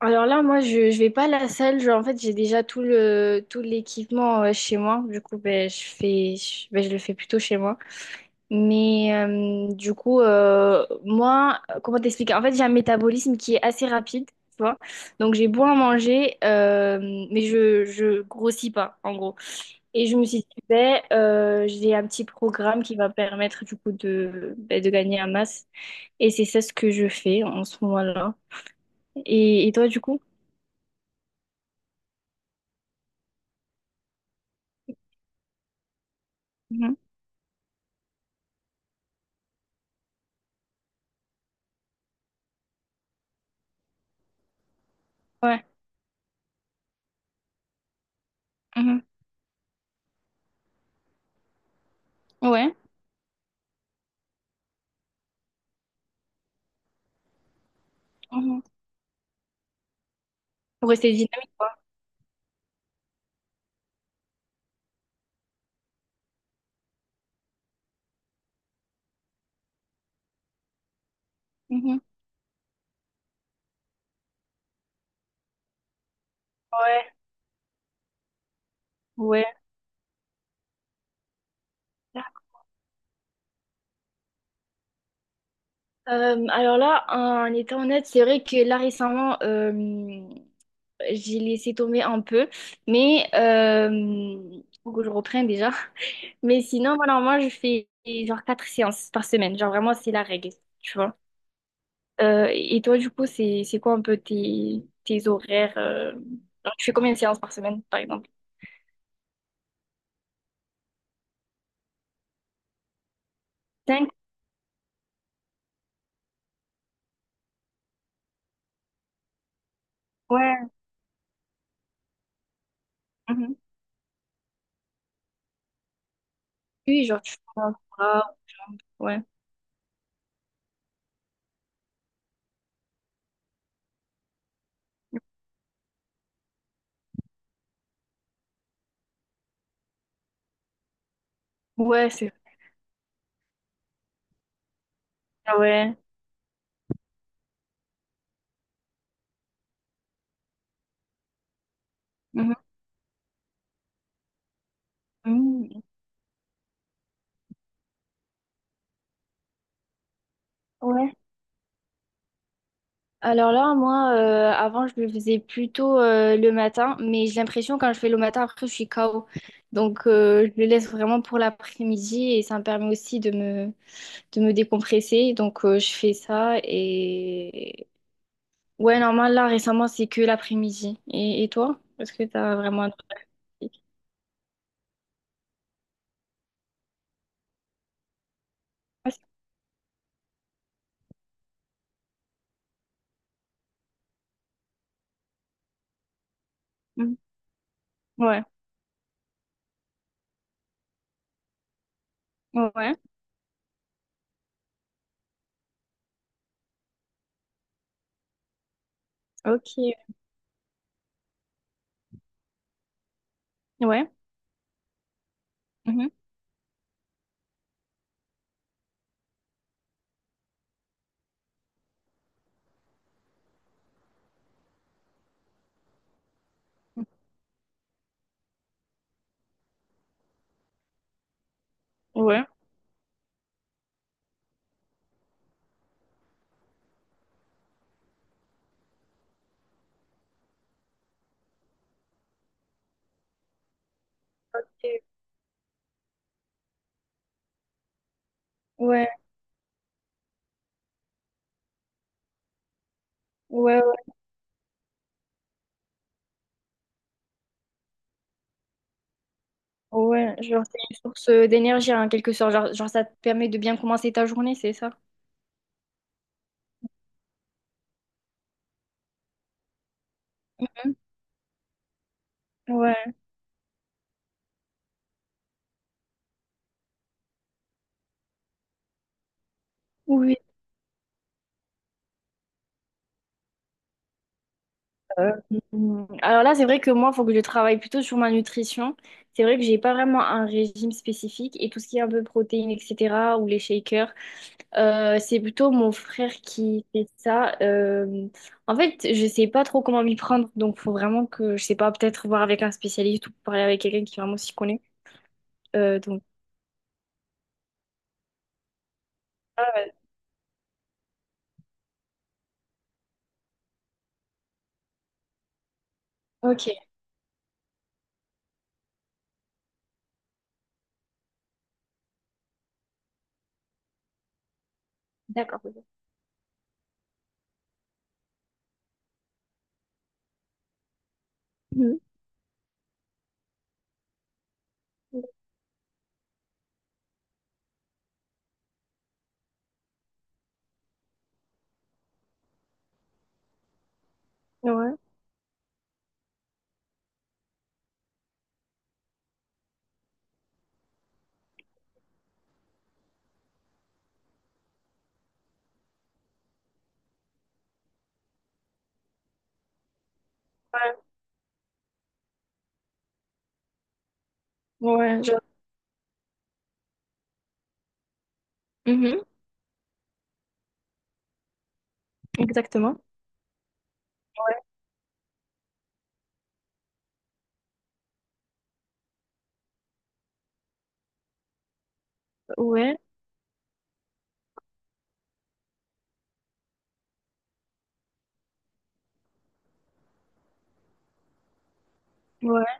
Alors là, moi, je vais pas à la salle. Genre, en fait, j'ai déjà tout l'équipement chez moi. Du coup, ben, je le fais plutôt chez moi. Moi, comment t'expliquer? En fait, j'ai un métabolisme qui est assez rapide, tu vois. Donc, j'ai beau à manger, mais je grossis pas, en gros. Et je me suis dit, j'ai un petit programme qui va permettre, du coup, de gagner en masse. Et c'est ça ce que je fais en ce moment-là. Et toi, du coup? Mhm. Ouais. Mhm. Ouais. Mhm. Pour rester dynamique, quoi. Mhm. Ouais, ouais. Alors là, en étant honnête, c'est vrai que là récemment, j'ai laissé tomber un peu, mais faut que je reprenne déjà. Mais sinon, voilà, moi, je fais genre quatre séances par semaine. Genre vraiment, c'est la règle, tu vois. Et toi, du coup, c'est quoi un peu tes horaires genre, tu fais combien de séances par semaine, par exemple? Cinq. Ouais. Mhm. Oui, genre tu fais un bras, ouais. Ouais, c'est. Ah ouais. Mhm. Mhm. Ouais. Alors là, moi, avant, je le faisais plutôt le matin, mais j'ai l'impression quand je fais le matin, après, je suis KO. Donc, je le laisse vraiment pour l'après-midi et ça me permet aussi de me décompresser. Donc, je fais ça et... Ouais, normal, là, récemment, c'est que l'après-midi. Et toi? Est-ce que t'as vraiment un truc pratique? Ah, c'est-. Mhm. Ouais. Ouais. Ok. Ouais. Mhm. Ouais. Ouais. Ouais. Ouais, genre c'est une source d'énergie en quelque sorte, genre, genre ça te permet de bien commencer ta journée, c'est ça? Hmm. Ouais, oui. euh, alors là, c'est vrai que moi, il faut que je travaille plutôt sur ma nutrition. C'est vrai que j'ai pas vraiment un régime spécifique et tout ce qui est un peu protéines, etc., ou les shakers, c'est plutôt mon frère qui fait ça. En fait, je sais pas trop comment m'y prendre, donc faut vraiment que, je sais pas, peut-être voir avec un spécialiste ou parler avec quelqu'un qui vraiment s'y connaît. Euh, donc, ok, d'accord. Mhm. Ouais. Ouais, je-. Mhm, exactement. Ouais, ouais,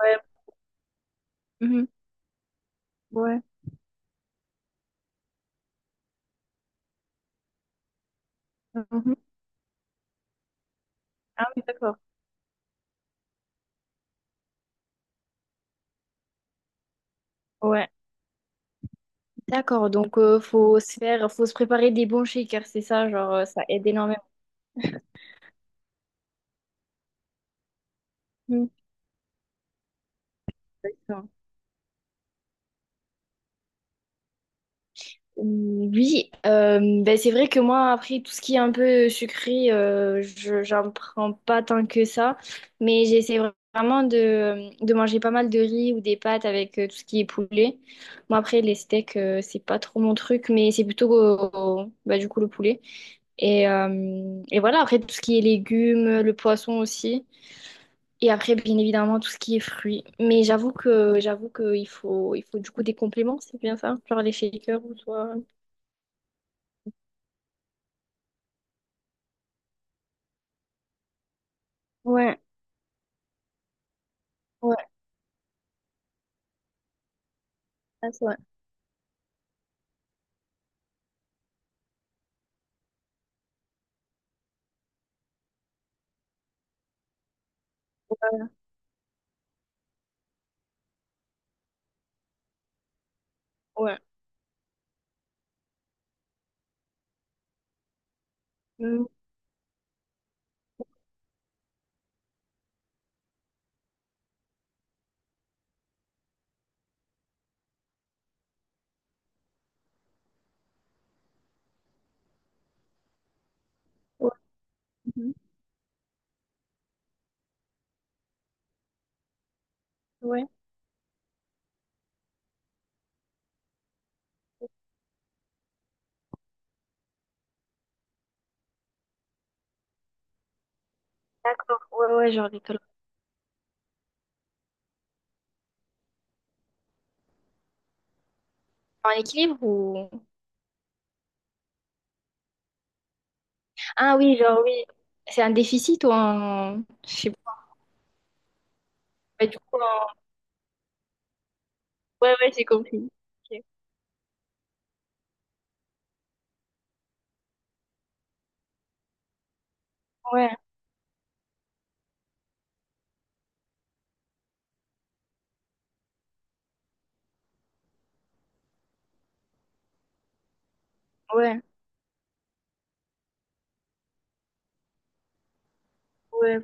ouais, mhm, ouais, mhm. Ah oui, d'accord. Ouais, d'accord. Donc, faut se préparer des bons shakers, c'est ça, genre, ça aide énormément. Mhm. Oui, ben c'est vrai que moi, après, tout ce qui est un peu sucré, j'en prends pas tant que ça. Mais j'essaie vraiment de manger pas mal de riz ou des pâtes avec tout ce qui est poulet. Moi, après, les steaks, c'est pas trop mon truc, mais c'est plutôt du coup le poulet. Et voilà, après, tout ce qui est légumes, le poisson aussi. Et après, bien évidemment, tout ce qui est fruits. Mais j'avoue que il faut du coup des compléments, c'est bien ça? Genre les shakers ou soit... ouais. Ouais, ça, c'est vrai. Ouais. Mm. Ouais. Mhm. Ouais. D'accord. Ouais, ouais, genre des calories. En équilibre ou... Ah oui, genre oui. C'est un déficit ou un... Je sais pas. Ouais, du coup, un-. Ouais, ouais, j'ai compris. Ok. Ouais, ouais, ouais.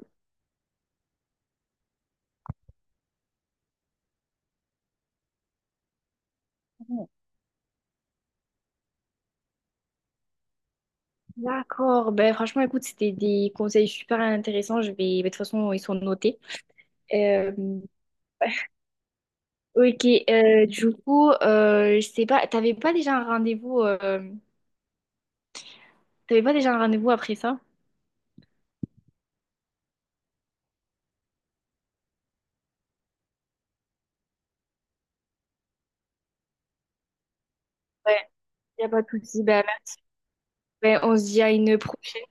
Bon. D'accord. Ben, franchement, écoute, c'était des conseils super intéressants. Je vais... ben, de toute façon, ils sont notés. Euh. Ok. Du coup, je sais pas, t'avais pas déjà un rendez-vous... T'avais pas déjà un rendez-vous après ça? Ouais, y a pas de souci. Ben, on se dit à une prochaine.